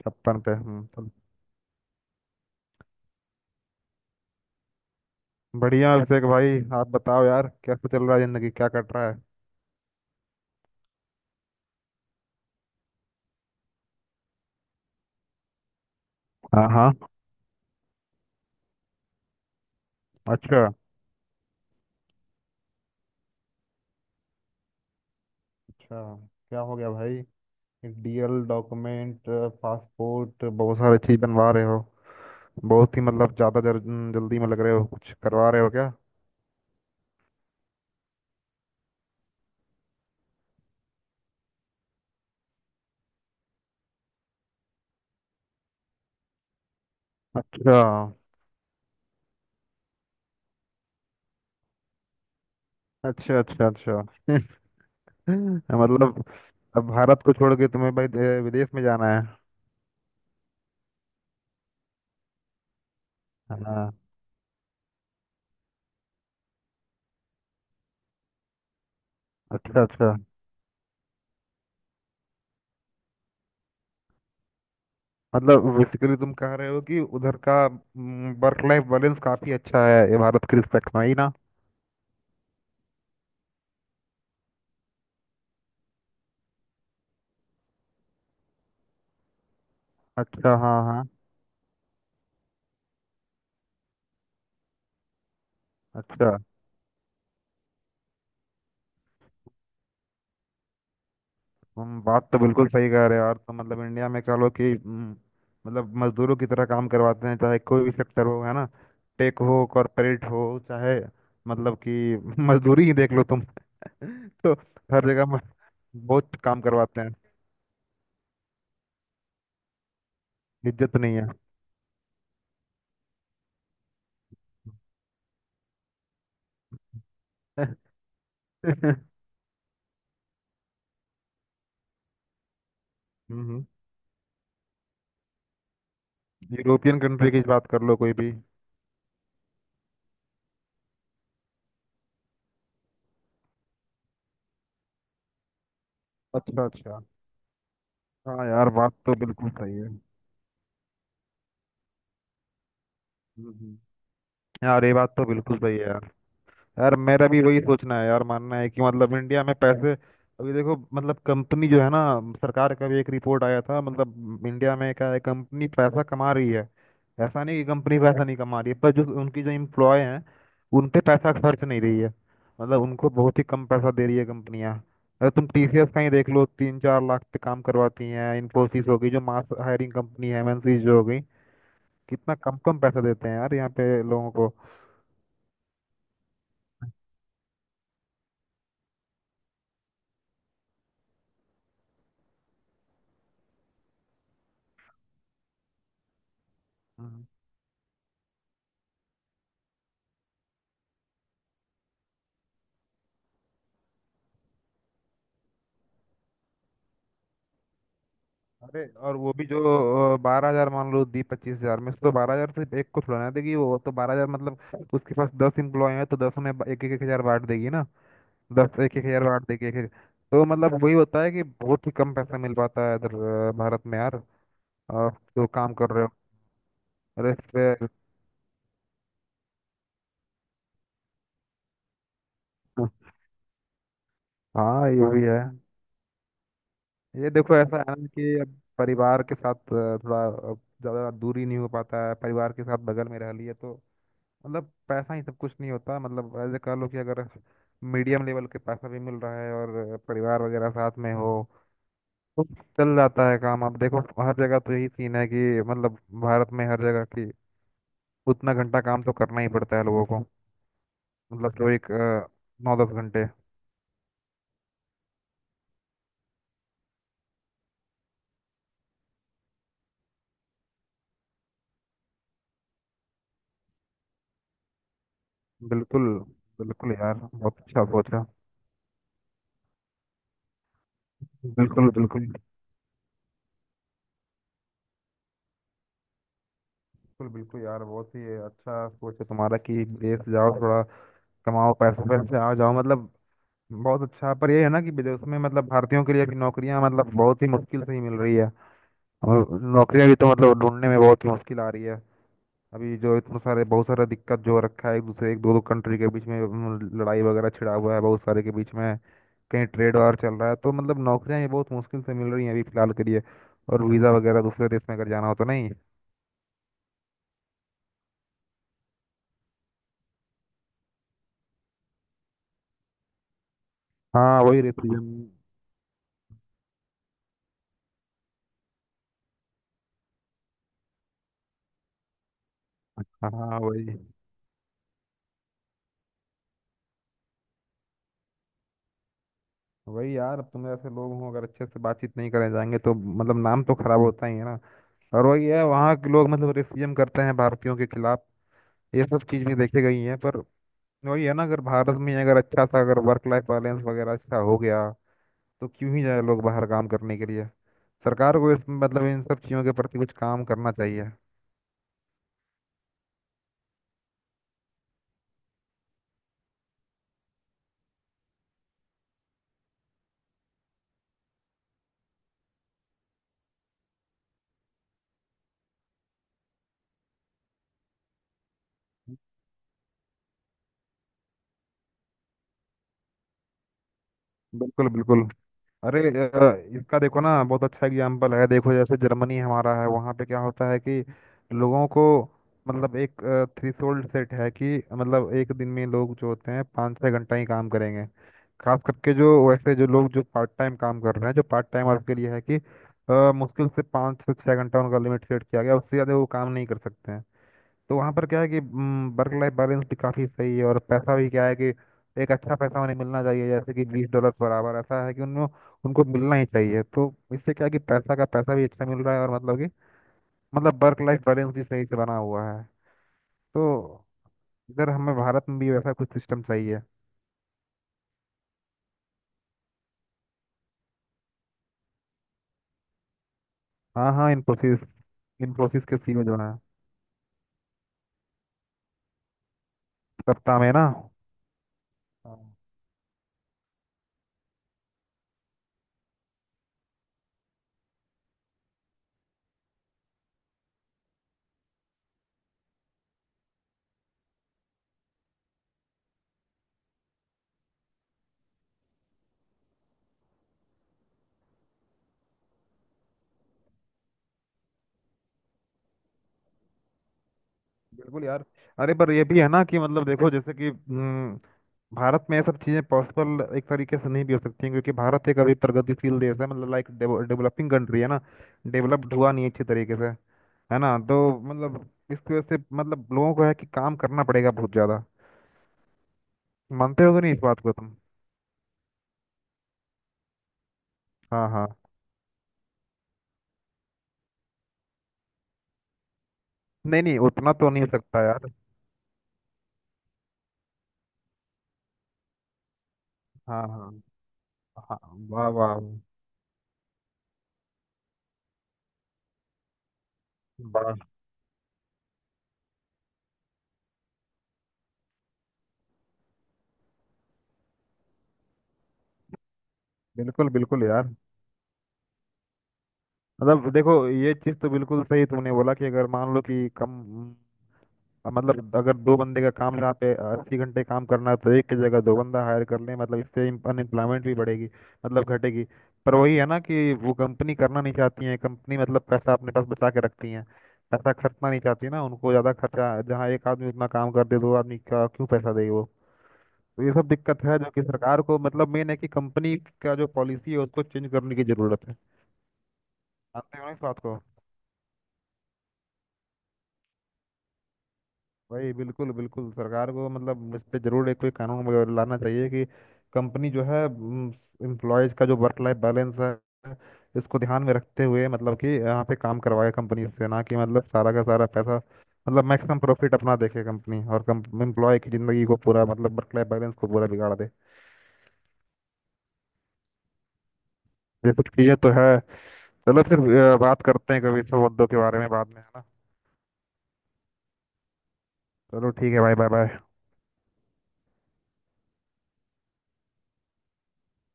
56 पे। हम्म। तो बढ़िया, अभिषेक भाई, आप बताओ यार, कैसे चल रहा है जिंदगी? क्या कट रहा है? हाँ, हाँ। अच्छा। अच्छा, क्या हो गया भाई? डीएल, डॉक्यूमेंट, पासपोर्ट, बहुत सारी चीज बनवा रहे हो। बहुत ही, मतलब ज्यादा जल्दी में लग रहे हो, कुछ करवा रहे हो क्या? अच्छा, अच्छा, अच्छा। अच्छा। मतलब अब भारत को छोड़ के तुम्हें भाई विदेश में जाना है। हाँ। अच्छा, अच्छा। मतलब बेसिकली तुम कह रहे हो कि उधर का वर्क लाइफ बैलेंस काफी अच्छा है ये, भारत के रिस्पेक्ट में ही ना? अच्छा। हाँ, हाँ। अच्छा, तुम बात तो बिल्कुल सही कह रहे हो यार। तो मतलब इंडिया में कह लो कि मतलब मजदूरों की तरह काम करवाते हैं, चाहे कोई भी सेक्टर हो, है ना? टेक हो, कॉरपोरेट हो, चाहे, मतलब कि मजदूरी ही देख लो तुम। तो हर जगह बहुत काम करवाते हैं। इज्जत नहीं है। हम्म। यूरोपियन कंट्री की बात कर लो कोई भी। अच्छा, अच्छा। हाँ यार, बात तो बिल्कुल सही है। हम्म। हम्म। यार ये बात तो बिल्कुल सही है यार। यार मेरा भी वही सोचना है यार, मानना है कि मतलब इंडिया में पैसे, अभी देखो मतलब कंपनी जो है ना, सरकार का भी एक रिपोर्ट आया था, मतलब इंडिया में क्या है, कंपनी पैसा कमा रही है। ऐसा नहीं कि कंपनी पैसा नहीं कमा रही है, पर जो उनकी जो एम्प्लॉय हैं उन पे पैसा खर्च नहीं रही है। मतलब उनको बहुत ही कम पैसा दे रही है कंपनियां। अगर तुम टीसीएस का ही देख लो, 3 4 लाख पे काम करवाती हैं। इन्फोसिस हो गई, जो मास हायरिंग कंपनी है, एमएनसी जो हो गई, कितना कम कम पैसा देते हैं यार यहाँ पे लोगों को। हम्म। अरे, और वो भी जो 12 हजार मान लो दी 25 हजार में से, तो 12 हजार सिर्फ एक को थोड़ा ना देगी वो, तो 12 हजार मतलब उसके पास 10 इम्प्लॉय हैं तो 10 में 1 1 हजार बांट देगी ना। 10, 1 1 हजार बांट देगी, एक एक। तो मतलब वही होता है कि बहुत ही कम पैसा मिल पाता है इधर भारत में यार। अ, जो काम कर रहे हो। अरे, इस पे हाँ, ये भी है। ये देखो ऐसा है ना कि अब परिवार के साथ थोड़ा, अ, ज्यादा दूरी नहीं हो पाता है, परिवार के साथ बगल में रह लिए तो मतलब पैसा ही सब कुछ नहीं होता। मतलब ऐसे कह लो कि अगर मीडियम लेवल के पैसा भी मिल रहा है और परिवार वगैरह साथ में हो तो चल जाता है काम। अब देखो हर जगह तो यही सीन है कि मतलब भारत में हर जगह की उतना घंटा काम तो करना ही पड़ता है लोगों को, मतलब जो एक 9 10 घंटे। बिल्कुल बिल्कुल, यार बहुत अच्छा सोचा। बिल्कुल बिल्कुल। बिल्कुल बिल्कुल यार, बहुत ही अच्छा सोच है तुम्हारा कि विदेश जाओ, थोड़ा कमाओ, पैसे पैसे आ जाओ, मतलब बहुत अच्छा। पर ये है ना कि विदेश में मतलब भारतीयों के लिए भी नौकरियां मतलब बहुत ही मुश्किल से ही मिल रही है, और नौकरियां भी तो मतलब ढूंढने में बहुत ही मुश्किल आ रही है। अभी जो इतने सारे, बहुत सारा दिक्कत जो रखा है एक दूसरे, एक दो दो कंट्री के बीच में, लड़ाई वगैरह छिड़ा हुआ है बहुत सारे के बीच में। कहीं ट्रेड वार चल रहा है, तो मतलब नौकरियां ये बहुत मुश्किल से मिल रही हैं अभी फिलहाल के लिए। और वीज़ा वगैरह दूसरे देश में अगर जाना हो तो नहीं। हाँ, वही रीजन। हाँ, वही वही यार, अब तुम ऐसे लोग हो, अगर अच्छे से बातचीत नहीं करे जाएंगे तो मतलब नाम तो खराब होता ही है ना। और वही है, वहाँ के लोग मतलब रेसिज्म करते हैं भारतीयों के खिलाफ, ये सब चीज़ भी देखी गई है। पर वही है ना, अगर भारत में अगर अच्छा सा अगर वर्क लाइफ बैलेंस वगैरह अच्छा हो गया तो क्यों ही जाए लोग बाहर काम करने के लिए। सरकार को इस मतलब इन सब चीज़ों के प्रति कुछ काम करना चाहिए। बिल्कुल बिल्कुल। अरे इसका देखो ना, बहुत अच्छा एग्जाम्पल है, देखो जैसे जर्मनी हमारा है, वहाँ पे क्या होता है कि लोगों को मतलब एक थ्रेशोल्ड सेट है कि मतलब एक दिन में लोग जो होते हैं 5 6 घंटा ही काम करेंगे। खास करके जो वैसे जो लोग जो पार्ट टाइम काम कर रहे हैं, जो पार्ट टाइम वर्क के लिए है कि मुश्किल से 5 से 6 घंटा उनका लिमिट सेट किया गया, उससे ज़्यादा वो काम नहीं कर सकते हैं। तो वहाँ पर क्या है कि वर्क लाइफ बैलेंस भी काफ़ी सही है, और पैसा भी क्या है कि एक अच्छा पैसा उन्हें मिलना चाहिए, जैसे कि 20 डॉलर पर आवर ऐसा है कि उनको उनको मिलना ही चाहिए। तो इससे क्या है कि पैसा का पैसा भी अच्छा मिल रहा है और मतलब कि मतलब वर्क लाइफ बैलेंस भी सही से बना हुआ है। तो इधर हमें भारत में भी वैसा कुछ सिस्टम चाहिए। हाँ हाँ, इन्फोसिस। इन्फोसिस के सीईओ जो है। सप्ताह में ना। हाँ। बिल्कुल यार। अरे पर ये भी है ना कि मतलब देखो जैसे कि भारत में ये सब चीज़ें पॉसिबल एक तरीके से नहीं भी हो सकती हैं, क्योंकि भारत एक अभी प्रगतिशील देश है मतलब लाइक डेवलपिंग कंट्री है ना, डेवलप्ड हुआ नहीं है अच्छे तरीके से, है ना? तो मतलब इसकी वजह से मतलब लोगों को है कि काम करना पड़ेगा बहुत ज़्यादा। मानते होगे नहीं इस बात को तुम? हाँ, हाँ। नहीं नहीं, उतना तो नहीं हो सकता यार। हाँ, हाँ। हाँ। वाह वाह। वाह। बिल्कुल बिल्कुल यार, मतलब देखो ये चीज़ तो बिल्कुल सही तुमने बोला कि अगर मान लो कि कम, अब मतलब अगर दो बंदे का काम जहाँ पे 80 घंटे काम करना है तो एक की जगह दो बंदा हायर कर लें, मतलब इससे अनएम्प्लॉयमेंट भी बढ़ेगी, मतलब घटेगी। पर वही है ना कि वो कंपनी करना नहीं चाहती है, कंपनी मतलब पैसा अपने पास बचा के रखती है, पैसा खर्चना नहीं चाहती ना, उनको ज़्यादा खर्चा, जहाँ एक आदमी उतना काम कर दे दो आदमी का क्यों पैसा दे वो? तो ये सब दिक्कत है जो कि सरकार को मतलब मेन है कि कंपनी का जो पॉलिसी है उसको चेंज करने की ज़रूरत है। जानते हो ना इस बात को? वही बिल्कुल बिल्कुल, सरकार को मतलब इस पे जरूर एक कोई कानून वगैरह लाना चाहिए कि कंपनी जो है एम्प्लॉयज का जो वर्क लाइफ बैलेंस है इसको ध्यान में रखते हुए मतलब कि यहाँ पे काम करवाए कंपनी से, ना कि मतलब सारा का सारा पैसा मतलब मैक्सिमम प्रॉफिट अपना देखे कंपनी और एम्प्लॉय की जिंदगी को पूरा मतलब वर्क लाइफ बैलेंस को पूरा बिगाड़ दे। ये कुछ चीजें तो है। चलो फिर बात करते हैं कभी इस सब मुद्दों के बारे में बाद में, है ना? चलो ठीक है भाई, बाय बाय।